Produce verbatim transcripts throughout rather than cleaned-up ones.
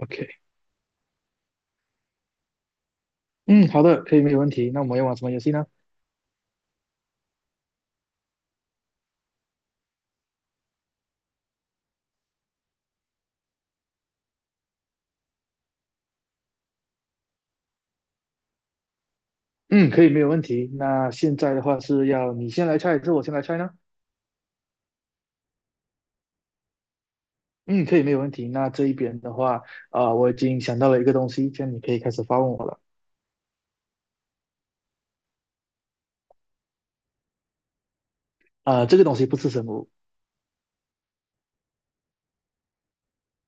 OK，嗯，好的，可以，没有问题。那我们要玩什么游戏呢？嗯，可以，没有问题。那现在的话是要你先来猜，还是我先来猜呢？嗯，可以，没有问题。那这一边的话，啊、我已经想到了一个东西，这样你可以开始发问我了。啊、这个东西不是什么。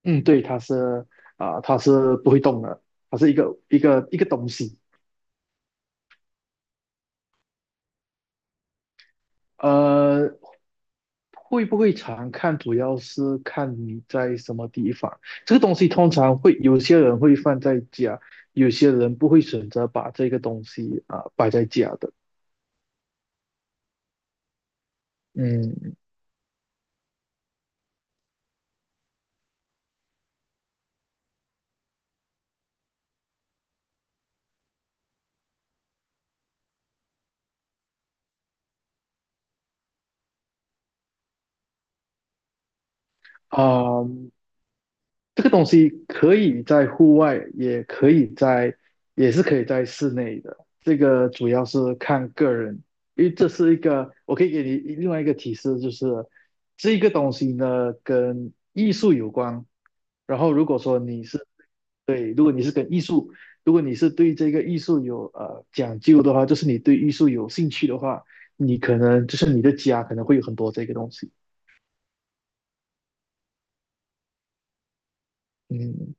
嗯，对，它是。啊、它是不会动的，它是一个一个一个东西。呃，会不会常看，主要是看你在什么地方。这个东西通常会有些人会放在家，有些人不会选择把这个东西啊、摆在家的。嗯。啊、这个东西可以在户外，也可以在，也是可以在室内的。这个主要是看个人，因为这是一个，我可以给你另外一个提示，就是这个东西呢跟艺术有关。然后如果说你是对，如果你是跟艺术，如果你是对这个艺术有呃讲究的话，就是你对艺术有兴趣的话，你可能就是你的家可能会有很多这个东西。嗯。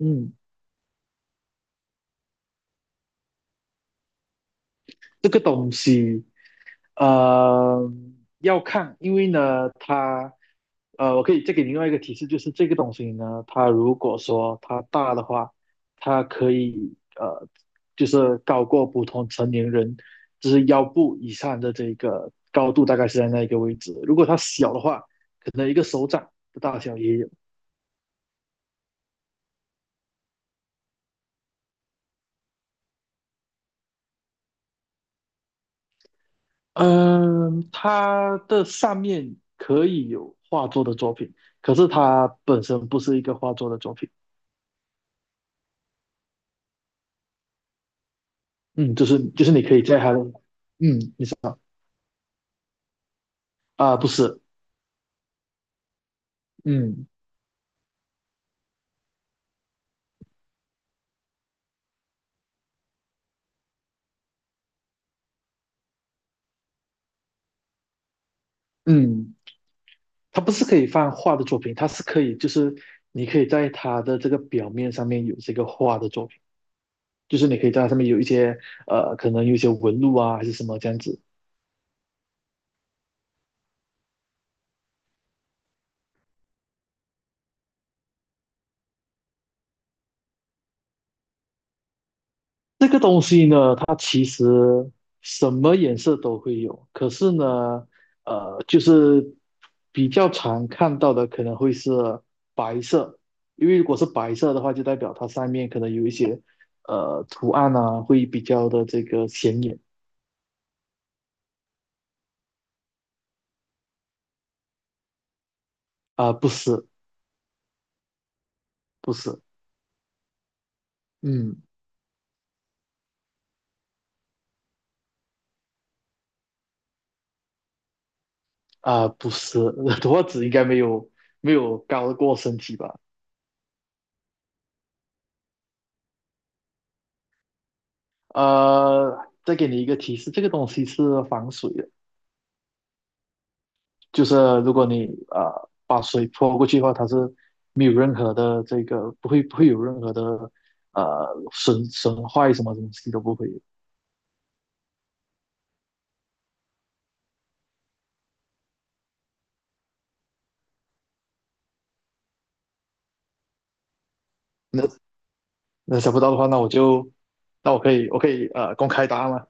嗯，这个东西呃，要看，因为呢，它，呃，我可以再给你另外一个提示，就是这个东西呢，它如果说它大的话，它可以呃，就是高过普通成年人，就是腰部以上的这个高度，大概是在那一个位置。如果它小的话，可能一个手掌的大小也有。嗯，它的上面可以有画作的作品，可是它本身不是一个画作的作品。嗯，就是就是你可以在它的，嗯，你知道。啊，不是。嗯。嗯，它不是可以放画的作品，它是可以，就是你可以在它的这个表面上面有这个画的作品，就是你可以在它上面有一些呃，可能有一些纹路啊，还是什么这样子。这个东西呢，它其实什么颜色都会有，可是呢，呃，就是比较常看到的可能会是白色，因为如果是白色的话，就代表它上面可能有一些呃图案啊，会比较的这个显眼。啊、不是，不是。嗯。啊、不是。多子应该没有没有高过身体吧？呃，再给你一个提示，这个东西是防水的。就是如果你呃把水泼过去的话，它是没有任何的这个不会不会有任何的呃损损坏什么东西都不会有。那那想不到的话，那我就那我可以我可以呃公开答案了。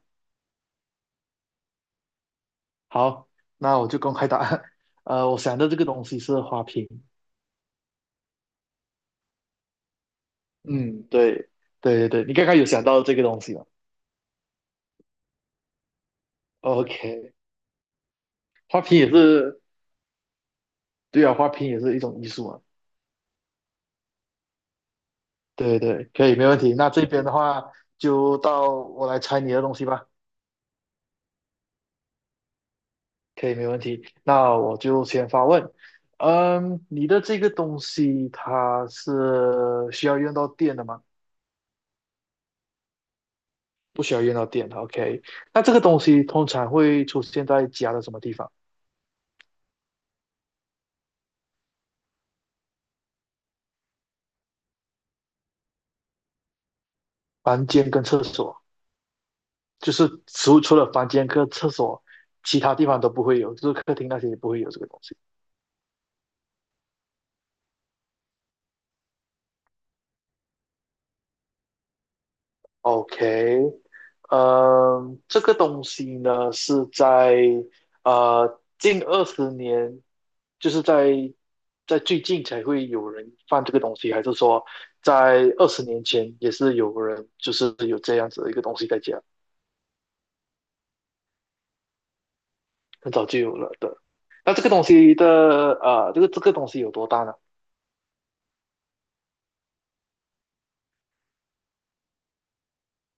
好，那我就公开答案。呃，我想到这个东西是花瓶。嗯，对。对对对，你刚刚有想到这个东西吗？OK,花瓶也是对啊，花瓶也是一种艺术嘛。对对，可以，没问题。那这边的话，就到我来猜你的东西吧。可以，没问题。那我就先发问。嗯，你的这个东西它是需要用到电的吗？不需要用到电的， OK,那这个东西通常会出现在家的什么地方？房间跟厕所，就是除除了房间跟厕所，其他地方都不会有，就是客厅那些也不会有这个东西。OK,嗯，这个东西呢是在呃近二十年，就是在在最近才会有人放这个东西，还是说在二十年前也是有人就是有这样子的一个东西在家，很早就有了的。那这个东西的呃，这个这个东西有多大呢？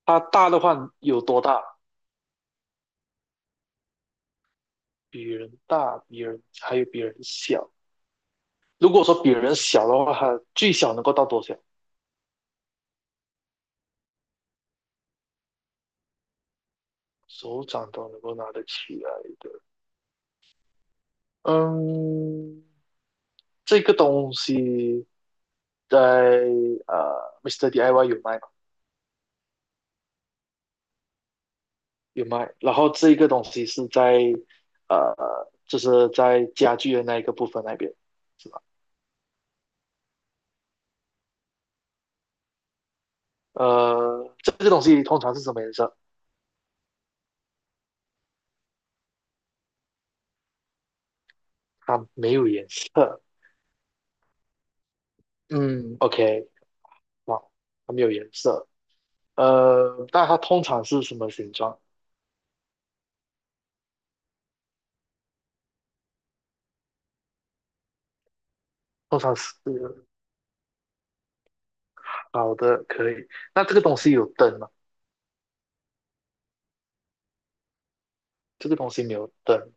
它大的话有多大？比人大，比人，还有比人小。如果说比人小的话，它最小能够到多小？手掌都能够拿得起来的。嗯，这个东西在呃，mister i s t e D I Y 有卖。有卖。然后这一个东西是在呃，就是在家具的那一个部分那边，是吧？呃，这个东西通常是什么颜色？它没有颜色。嗯，OK,哇，它没有颜色。呃，那它通常是什么形状？通常是好的，可以。那这个东西有灯吗？这个东西没有灯。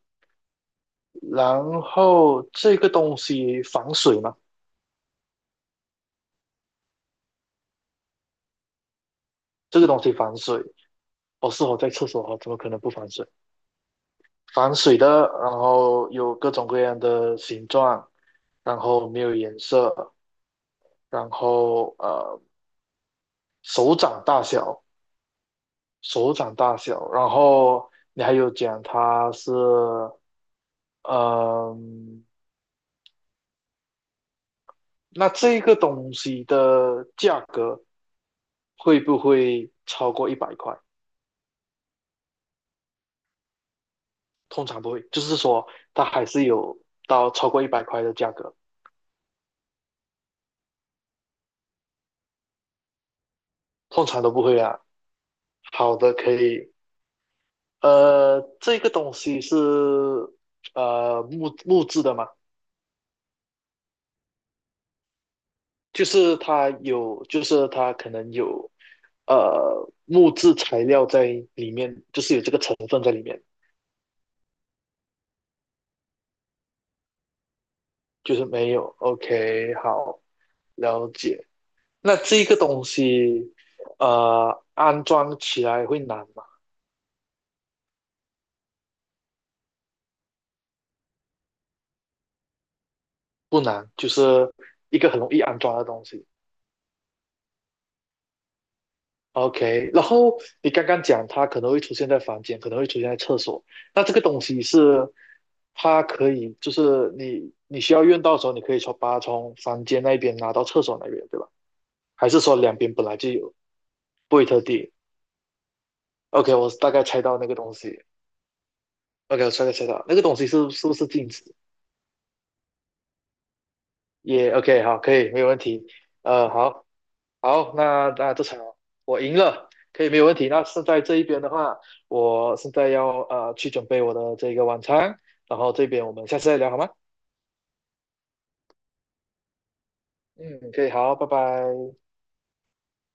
然后这个东西防水吗？这个东西防水。我是我在厕所啊，我怎么可能不防水？防水的，然后有各种各样的形状，然后没有颜色，然后呃手掌大小，手掌大小，然后你还有讲它是。嗯、那这个东西的价格会不会超过一百块？通常不会，就是说它还是有到超过一百块的价格，通常都不会啊。好的，可以。呃，这个东西是呃木木质的嘛，就是它有，就是它可能有呃木质材料在里面，就是有这个成分在里面，就是没有。OK,好，了解。那这个东西呃安装起来会难吗？不难，就是一个很容易安装的东西。OK,然后你刚刚讲它可能会出现在房间，可能会出现在厕所。那这个东西是它可以，就是你你需要用到的时候，你可以从把它从房间那边拿到厕所那边，对吧？还是说两边本来就有，不会特地？OK,我大概猜到那个东西。OK,我大概猜到那个东西是是不是镜子？也 OK,好，可以，没有问题。呃，好，好，那那这场我赢了，可以没有问题。那现在这一边的话，我现在要呃去准备我的这个晚餐，然后这边我们下次再聊好吗？嗯，可以，好，拜拜。